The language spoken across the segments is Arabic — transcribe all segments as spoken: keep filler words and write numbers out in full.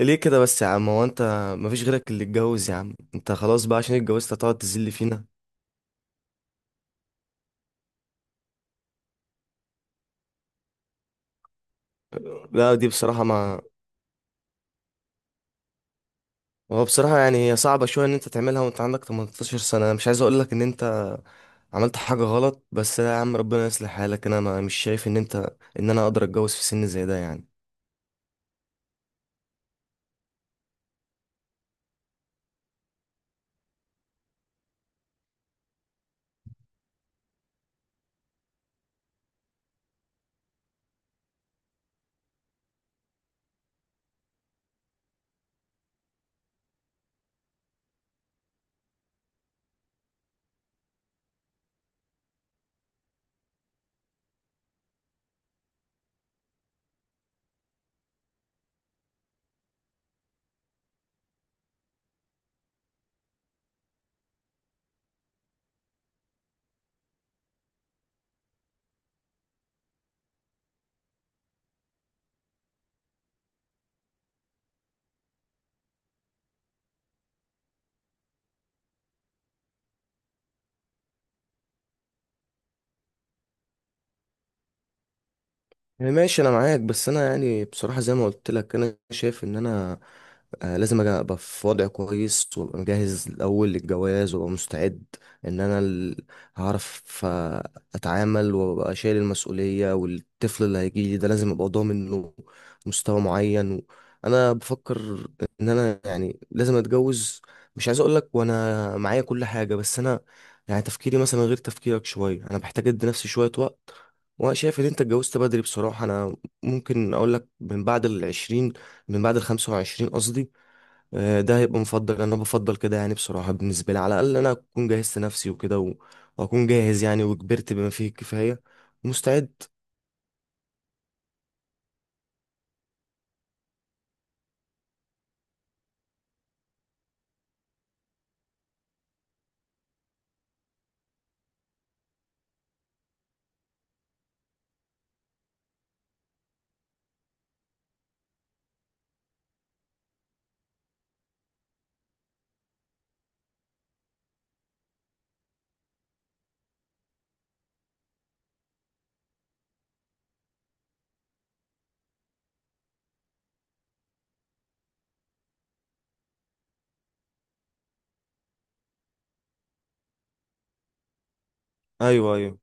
ليه كده بس يا عم؟ هو انت مفيش غيرك اللي اتجوز يا عم؟ انت خلاص بقى، عشان اتجوزت هتقعد تذل فينا؟ لا، دي بصراحة ما. هو بصراحة يعني هي صعبة شوية ان انت تعملها وانت عندك تمنتاشر سنة. أنا مش عايز اقول لك ان انت عملت حاجة غلط، بس لا يا عم، ربنا يصلح حالك. انا ما مش شايف ان انت ان انا اقدر اتجوز في سن زي ده يعني. يعني ماشي، انا معاك، بس انا يعني بصراحه زي ما قلت لك، انا شايف ان انا آه، لازم أجا- ابقى في وضع كويس وابقى مجهز الاول للجواز وابقى مستعد، ان انا ال- هعرف آه، اتعامل، وابقى شايل المسؤوليه، والطفل اللي هيجي لي ده لازم ابقى ضامن له مستوى معين. انا بفكر ان انا يعني لازم اتجوز. مش عايز اقول لك وانا معايا كل حاجه، بس انا يعني تفكيري مثلا غير تفكيرك شويه، انا بحتاج ادي نفسي شويه وقت. وانا شايف ان انت اتجوزت بدري بصراحه. انا ممكن اقول لك من بعد العشرين، من بعد الخمسة وعشرين قصدي. آه، ده هيبقى مفضل، انا بفضل كده يعني بصراحه، بالنسبه لي على الاقل، انا اكون جهزت نفسي وكده و- واكون جاهز يعني، وكبرت بما فيه الكفايه، مستعد. ايوه، ايوه،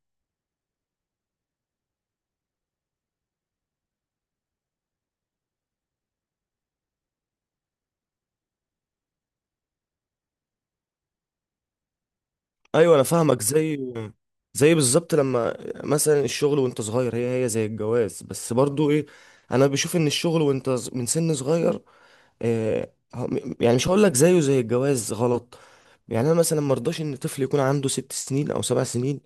ايوه، انا فاهمك. زي زي بالظبط، لما مثلا الشغل وانت صغير، هي هي زي الجواز، بس برضو ايه، انا بشوف ان الشغل وانت ز- من سن صغير، آه، هم- يعني مش هقول لك زيه زي الجواز غلط. يعني انا مثلا ما ارضاش ان طفل يكون عنده ست سنين او سبع سنين.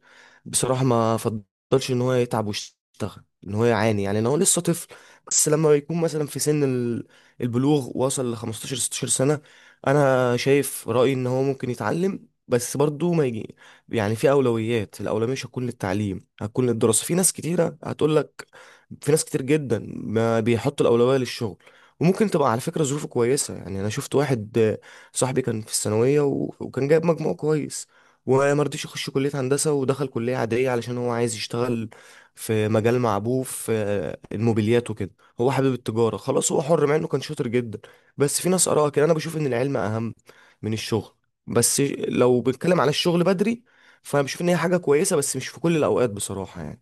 بصراحه ما افضلش ان هو يتعب ويشتغل، ان هو يعاني يعني لو هو لسه طفل. بس لما يكون مثلا في سن ال- البلوغ، وصل ل خمستاشر ستاشر سنه، انا شايف رايي ان هو ممكن يتعلم. بس برضه ما يجي يعني في اولويات. الاولويه مش هتكون للتعليم، هتكون للدراسه. في ناس كتيره هتقول لك، في ناس كتير جدا ما بيحط الاولويه للشغل. وممكن تبقى على فكرة ظروفه كويسة. يعني أنا شفت واحد آه، صاحبي كان في الثانوية و- وكان جايب مجموع كويس، ومرضيش يخش كلية هندسة، ودخل كلية عادية علشان هو عايز يشتغل في مجال مع أبوه في آه، الموبيليات وكده. هو حابب التجارة، خلاص هو حر، مع إنه كان شاطر جدا. بس في ناس آراء كده، أنا بشوف إن العلم أهم من الشغل. بس لو بنتكلم على الشغل بدري، فأنا بشوف إن هي حاجة كويسة، بس مش في كل الأوقات بصراحة يعني.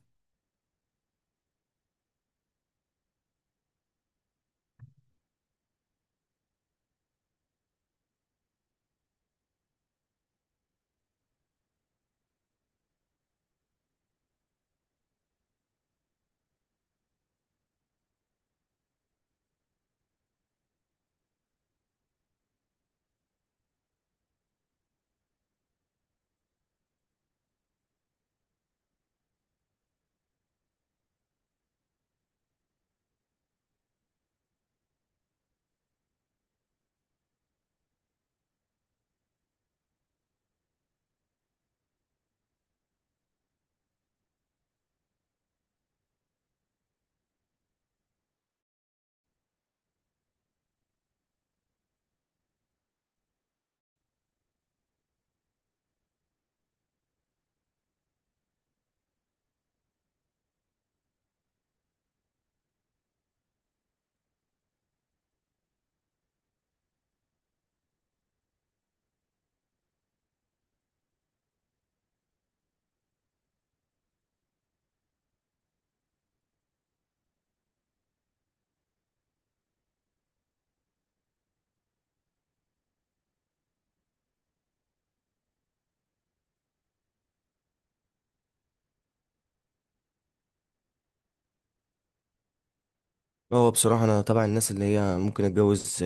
هو بصراحة أنا تبع الناس اللي هي ممكن أتجوز.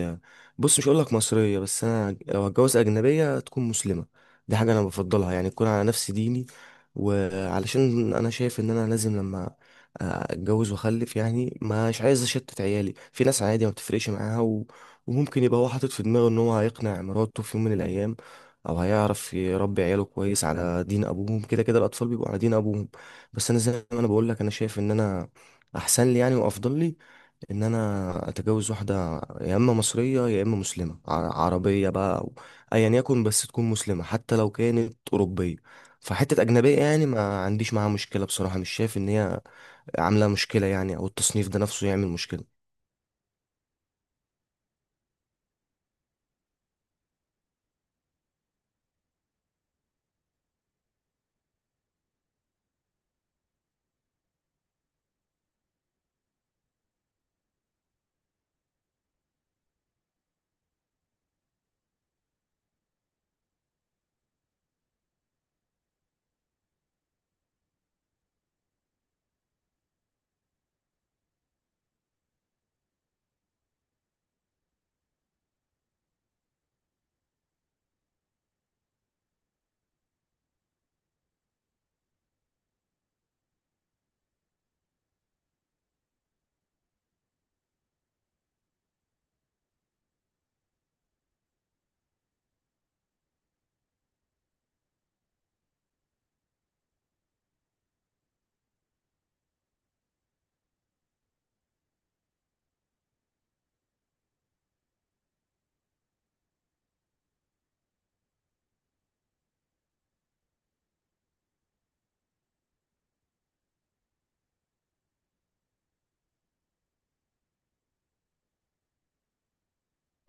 بص، مش هقولك مصرية، بس أنا لو أتجوز أجنبية تكون مسلمة. دي حاجة أنا بفضلها يعني، تكون على نفس ديني. وعلشان أنا شايف إن أنا لازم لما آه، أتجوز وأخلف يعني، مش عايز أشتت عيالي في ناس عادي ما بتفرقش معاها و... وممكن يبقى هو حاطط في دماغه إن هو هيقنع مراته في يوم من الأيام، أو هيعرف يربي عياله كويس على دين أبوهم. كده كده الأطفال بيبقوا على دين أبوهم. بس أنا زي ما أنا بقولك، أنا شايف إن أنا أحسن لي يعني وأفضل لي ان انا اتجوز واحده، يا اما مصريه يا اما مسلمه ع- عربيه بقى، او ايا يكن بس تكون مسلمه، حتى لو كانت اوروبيه. فحته اجنبيه يعني ما عنديش معاها مشكله بصراحه، مش شايف ان هي عامله مشكله يعني، او التصنيف ده نفسه يعمل مشكله.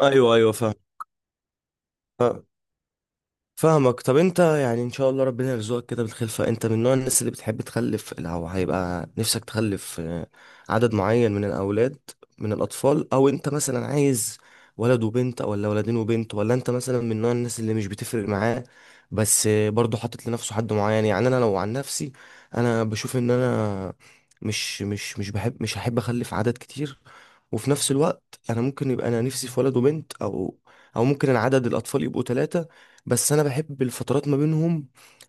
ايوه، ايوه، فاهم. فاهمك. طب انت يعني ان شاء الله ربنا يرزقك كده بالخلفة، انت من نوع الناس اللي بتحب تخلف، او هيبقى نفسك تخلف آه، عدد معين من الاولاد، من الاطفال؟ او انت مثلا عايز ولد وبنت، ولا ولدين وبنت، ولا انت مثلا من نوع الناس اللي مش بتفرق معاه، بس آه، برضه حاطط لنفسه حد معين؟ يعني انا لو عن نفسي، انا بشوف ان انا مش مش مش بحب مش هحب اخلف عدد كتير. وفي نفس الوقت، انا ممكن يبقى انا نفسي في ولد وبنت، او او ممكن العدد الاطفال يبقوا ثلاثة. بس انا بحب الفترات ما بينهم،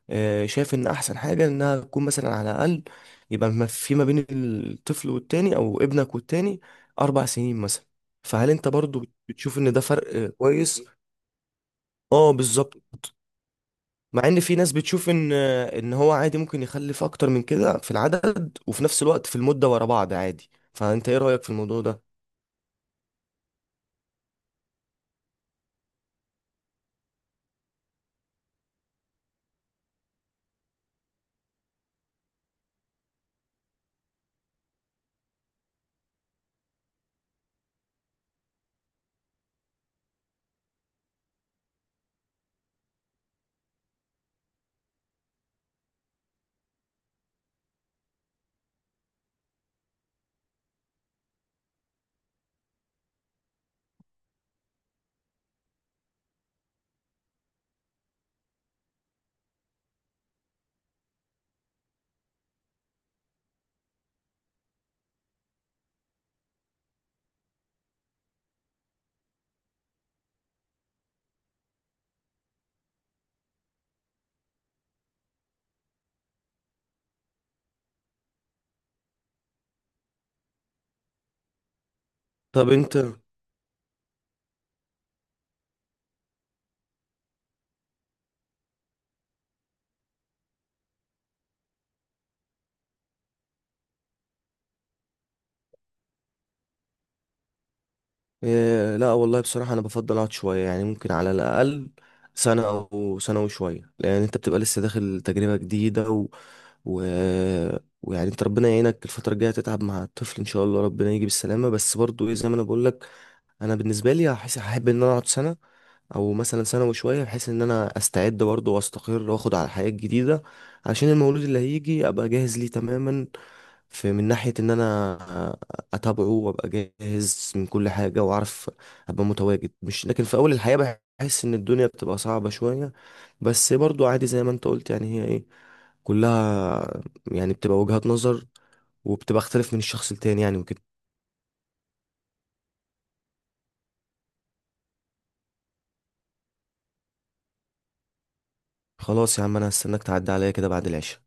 آه، شايف ان احسن حاجه انها تكون مثلا على الاقل، يبقى ما في ما بين الطفل والتاني او ابنك والتاني اربع سنين مثلا. فهل انت برضو بت- بتشوف ان ده فرق آه، كويس؟ اه بالظبط. مع ان في ناس بتشوف ان آه، ان هو عادي ممكن يخلف اكتر من كده في العدد، وفي نفس الوقت في المده ورا بعض عادي. فانت ايه رايك في الموضوع ده؟ طب انت. إيه، لا والله بصراحة أنا بفضل أقعد شوية يعني، ممكن على الأقل سنة أو سنة وشوية، لأن أنت بتبقى لسه داخل تجربة جديدة و... و... ويعني أنت ربنا يعينك الفترة الجاية تتعب مع الطفل إن شاء الله ربنا يجي بالسلامة. بس برضو إيه زي ما أنا بقولك، أنا بالنسبة لي هحس هحب إن أنا أقعد سنة أو مثلا سنة وشوية، بحيث إن أنا أستعد برضو وأستقر وأخد على الحياة الجديدة، عشان المولود اللي هيجي أبقى جاهز ليه تماما، في من ناحية إن أنا أتابعه وأبقى جاهز من كل حاجة وأعرف أبقى متواجد. مش لكن في أول الحياة بحس إن الدنيا بتبقى صعبة شوية. بس برضو عادي زي ما أنت قلت يعني، هي إيه كلها يعني بتبقى وجهات نظر، وبتبقى اختلف من الشخص التاني يعني، وكده. خلاص يا عم، أنا هستناك تعدي عليا كده بعد العشاء.